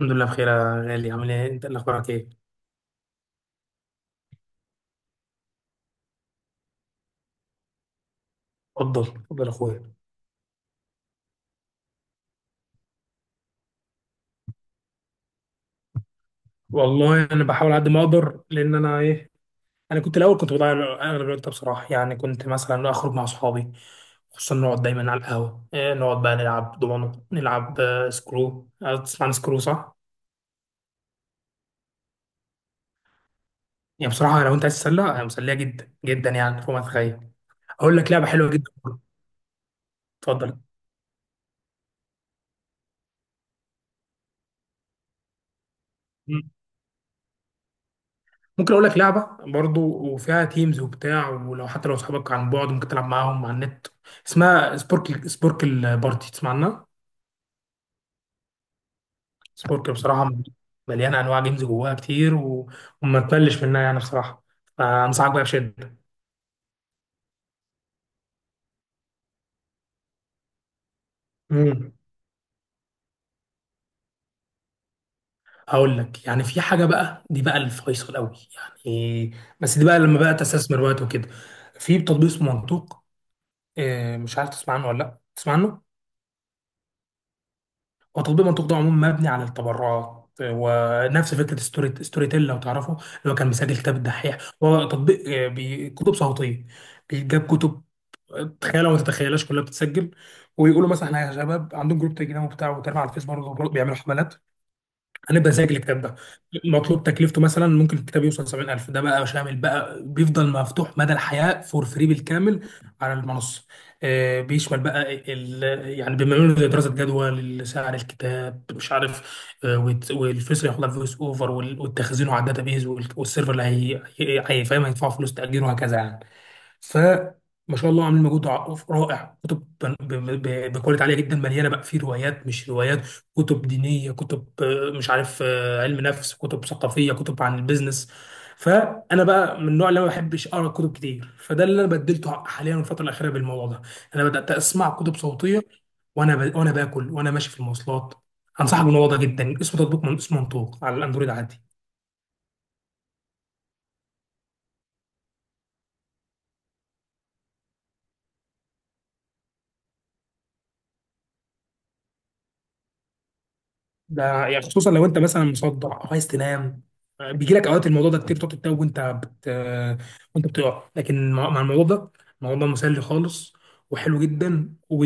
الحمد لله بخير يا غالي، عامل ايه انت؟ اللي اخبارك ايه؟ اتفضل اتفضل يا اخويا. والله انا بحاول على قد ما اقدر لان انا ايه. انا كنت الاول كنت بضيع اغلب الوقت ده بصراحه، يعني كنت مثلا اخرج مع اصحابي، خصوصا نقعد دايما على القهوه. إيه، نقعد بقى نلعب دومينو، نلعب سكرو. تسمع عن سكرو صح؟ يعني بصراحه لو انت عايز تتسلى، هي مسليه جدا جدا، يعني فوق ما تتخيل. اقول لك لعبه حلوه جدا. اتفضل. ممكن اقول لك لعبه برضو، وفيها تيمز وبتاع، ولو حتى اصحابك عن بعد ممكن تلعب معاهم على النت. اسمها سبورك، سبوركل بارتي. تسمع عنها؟ سبوركل بصراحه مليانه انواع جيمز جواها كتير وما تملش منها، يعني بصراحه، فانصحك بقى بشده. امم هقول لك، يعني في حاجه بقى، دي بقى الفيصل قوي، يعني، بس دي بقى لما بقى تستثمر وقت وكده. في تطبيق اسمه منطوق، مش عارف تسمع عنه ولا لا تسمع عنه. هو تطبيق منطوق ده عموما مبني على التبرعات، ونفس فكره ستوري ستوري تيل لو تعرفه، اللي هو كان مسجل كتاب الدحيح. هو تطبيق كتب صوتيه، بيجاب كتب تخيلها وما تتخيلهاش، كلها بتتسجل. ويقولوا مثلا احنا يا شباب عندهم جروب تليجرام وبتاع، وتابع على الفيس برضه. بيعملوا حملات هنبقى زيك الكتاب ده مطلوب تكلفته، مثلا ممكن الكتاب يوصل 70000، ده بقى شامل بقى، بيفضل مفتوح مدى الحياة فور فري بالكامل على المنصة. بيشمل بقى يعني بيعملوا زي دراسة جدوى لسعر الكتاب، مش عارف، والفلوس اللي هياخدها فويس اوفر، والتخزين على الداتابيز، والسيرفر اللي هيفهم هيدفعوا فلوس تأجيره وهكذا يعني. فما شاء الله عاملين مجهود رائع، كتب بكواليتي عاليه جدا، مليانه بقى في روايات، مش روايات، كتب دينيه، كتب مش عارف، علم نفس، كتب ثقافيه، كتب عن البيزنس. فانا بقى من النوع اللي ما بحبش اقرا كتب كتير، فده اللي انا بدلته حاليا الفتره الاخيره بالموضوع ده. انا بدات اسمع كتب صوتيه، وانا باكل وانا ماشي في المواصلات. انصحك بالموضوع ده جدا، اسمه تطبيق من اسمه منطوق، على الاندرويد عادي. ده يعني خصوصا لو انت مثلا مصدع او عايز تنام، بيجي لك اوقات الموضوع ده كتير، بتقعد تتوه وانت بتقع، لكن مع الموضوع ده، الموضوع ده مسلي خالص وحلو جدا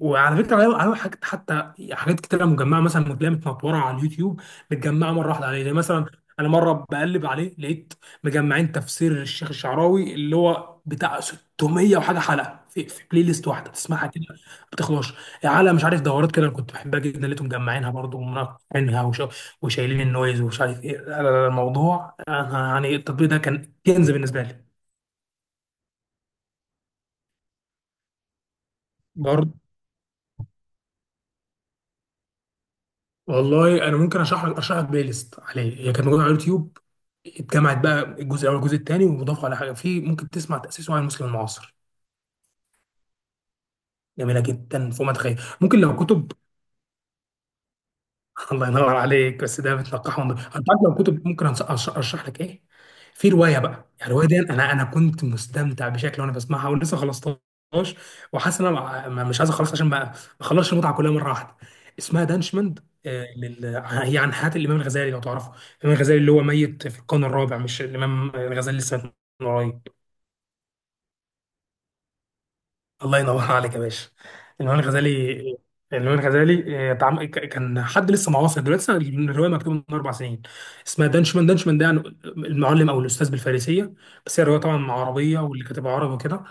وعلى فكره، عليه حاجات، حتى حاجات كتير مجمعه، مثلا بتلاقيها متنطوره على اليوتيوب، متجمعه مره واحده عليه، زي مثلا، انا مره بقلب عليه لقيت مجمعين تفسير الشيخ الشعراوي اللي هو بتاع 600 وحاجه حلقه في بلاي ليست واحده تسمعها كده، ما بتخلصش. على، مش عارف، دورات كده، انا كنت بحبها جدا، لقيتهم مجمعينها برضه ومنقعينها وشايلين النويز، ومش عارف ايه. لا لا لا، الموضوع، أنا يعني التطبيق ده كان كنز بالنسبه لي. برضه والله انا ممكن اشرح لك بلاي ليست عليه، هي كانت موجوده على اليوتيوب، اتجمعت بقى الجزء الاول والجزء الثاني، ومضاف على حاجه فيه، ممكن تسمع تاسيسه عن المسلم المعاصر. جميله جدا فوق ما تتخيل. ممكن لو كتب. الله ينور عليك. بس ده بتنقحه انت عارف، لو كتب ممكن ارشح لك ايه. في روايه بقى، يعني الروايه دي انا كنت مستمتع بشكل وانا بسمعها، ولسه خلصتهاش، وحاسس ان انا مش عايز اخلص عشان ما اخلصش المتعه كلها مره واحده. اسمها دانشمند، هي عن حياه الامام الغزالي لو تعرفه. الامام الغزالي اللي هو ميت في القرن الرابع، مش الامام الغزالي لسه من قريب. الله ينور عليك يا باشا. المهم الغزالي المهم الغزالي كان حد لسه معاصر دلوقتي، لسه الروايه مكتوبه من اربع سنين. اسمها دانشمان، دانشمان ده يعني المعلم او الاستاذ بالفارسيه، بس هي الروايه طبعا مع عربيه، واللي كاتبها عربي وكده.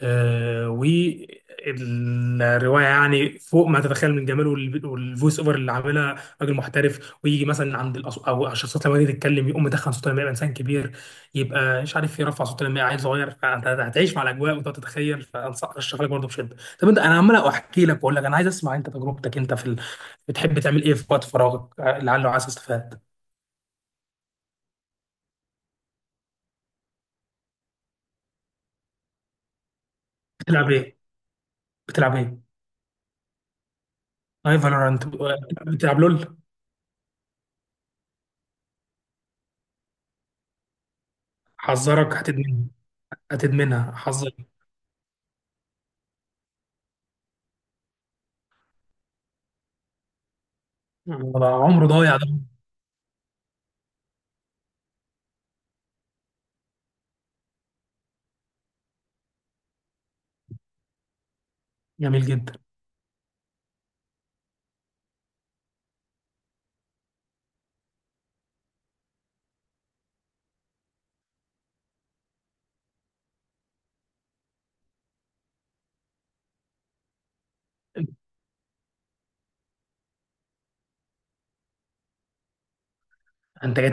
والروايه يعني فوق ما تتخيل من جماله والفويس اوفر اللي عاملها راجل محترف، ويجي مثلا عند او الشخصيات لما تيجي تتكلم، يقوم مدخن صوته لما يبقى انسان كبير، يبقى مش عارف ايه، رفع صوت لما عيل صغير، فانت هتعيش مع الاجواء وتقعد تتخيل. فانصح ارشح لك برضه بشده. طب انت، انا عمال احكي لك واقول لك، انا عايز اسمع انت تجربتك انت بتحب تعمل ايه في وقت فراغك، لعله عايز استفاد؟ بتلعب ايه بتلعب ايه؟ اي فالورانت. بتلعب لول؟ حذرك هتدمنها. هتدمنها حذرك. ده عمره ضايع ده. جميل جدا. انت جاي،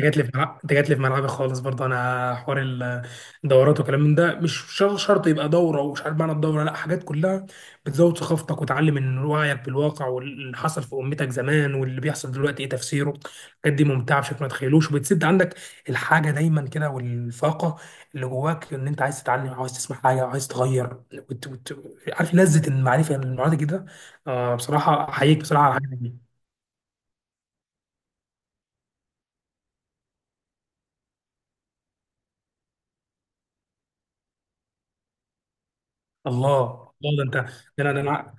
انت جات لي في ملعبي خالص. برضه انا حوار الدورات وكلام من ده، مش شر- شرط يبقى دوره، ومش عارف معنى الدوره، لا حاجات كلها بتزود ثقافتك وتعلم، من وعيك بالواقع واللي حصل في امتك زمان واللي بيحصل دلوقتي ايه تفسيره. الحاجات دي ممتعه بشكل ما تتخيلوش، وبتسد عندك الحاجه دايما كده، والفاقه اللي جواك ان انت عايز تتعلم، عاوز تسمع حاجه، عايز تغير عارف لذه المعرفه، المعرفه كده. آه بصراحه احييك بصراحه على الحاجه دي. الله، الله، ده انا،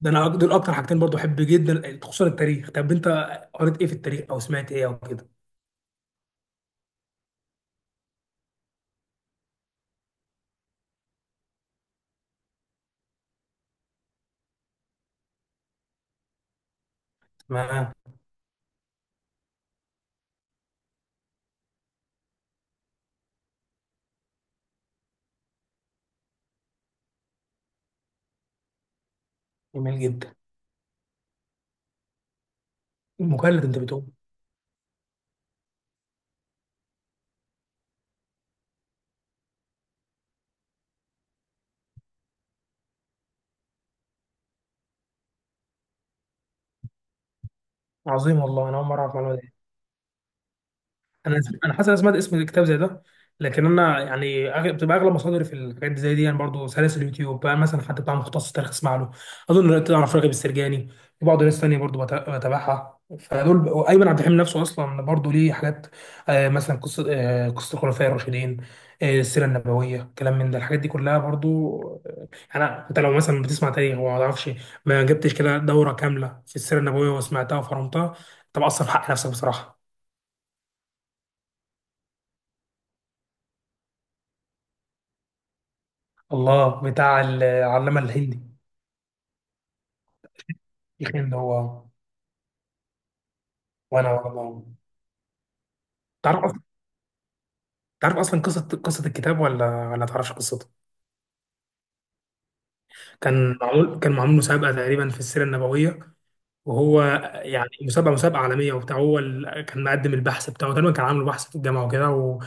ده انا، دول اكتر حاجتين برضو احب جدا خصوصا التاريخ. طب انت قريت ايه في التاريخ او سمعت ايه او كده؟ تمام. جميل جدا. مجلد انت بتقول؟ عظيم، والله انا اول مره اعرف المعلومه دي. انا حاسس انا سمعت اسم الكتاب زي ده، لكن انا يعني أغلب بتبقى اغلب مصادري في الحاجات دي زي دي، يعني برضه سلاسل اليوتيوب بقى، مثلا حد بتاع مختص تاريخ اسمع له. اظن تعرف راغب السرجاني، وبعض ناس تانية برضه بتابعها. فدول وايمن عبد الحليم نفسه اصلا برضه ليه حاجات، مثلا قصه، قصه الخلفاء الراشدين، السيره النبويه، كلام من ده، الحاجات دي كلها برضه. آه، انا، انت لو مثلا بتسمع تاريخ وما تعرفش، ما جبتش كده دوره كامله في السيره النبويه وسمعتها وفرمتها، انت بقصر في حق نفسك بصراحه. الله، بتاع العلامة الهندي. يا أخي اللي هو وأنا. تعرف أصلا تعرف أصلا قصة الكتاب ولا تعرفش قصته؟ كان معمول مسابقة تقريبا في السيرة النبوية، وهو، يعني مسابقة عالمية وبتاع. هو كان مقدم البحث بتاعه تقريبا، كان عامل بحث في الجامعة وكده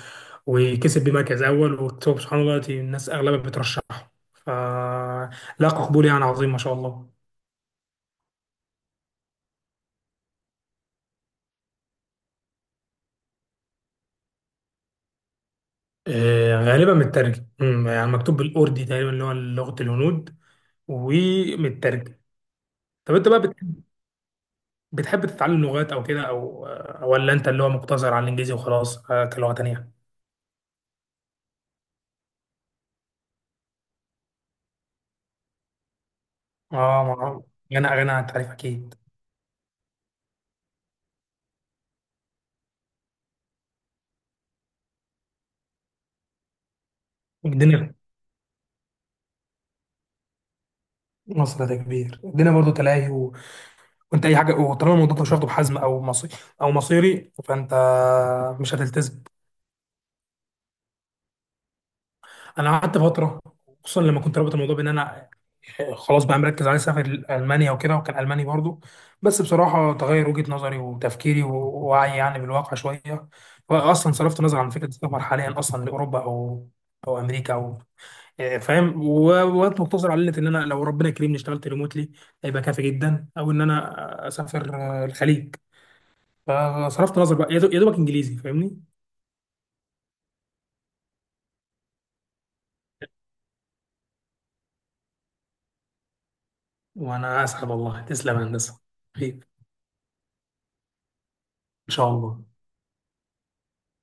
وكسب بمركز أول، وكتب. سبحان الله، دلوقتي الناس أغلبها بترشحه فلاقى قبول يعني عظيم ما شاء الله. غالبا مترجم، يعني مكتوب بالأردي تقريبا اللي هو لغة الهنود، ومن الترجمه. طب انت بقى بتحب تتعلم لغات او كده أو ولا انت اللي هو مقتصر على الانجليزي وخلاص، كلغه تانيه؟ اه ما غنى عن التعريف اكيد. الدنيا في مصر ده كبير، الدنيا برضو تلاهي وانت اي حاجه، وطالما الموضوع مش واخده بحزم، او مصيري، فانت مش هتلتزم. انا قعدت فتره، خصوصا لما كنت رابط الموضوع بان انا خلاص بقى مركز على سافر المانيا وكده، وكان الماني برضو. بس بصراحه تغير وجهه نظري وتفكيري ووعي يعني بالواقع شويه، واصلا صرفت نظر عن فكره السفر حاليا اصلا لاوروبا او امريكا، او فاهم وقت مقتصر على ان انا لو ربنا كريمني اشتغلت ريموتلي هيبقى كافي جدا، او ان انا اسافر الخليج. فصرفت نظر بقى يا دوبك انجليزي فاهمني. وانا اسعد، والله تسلم يا هندسه. خير. ان شاء الله.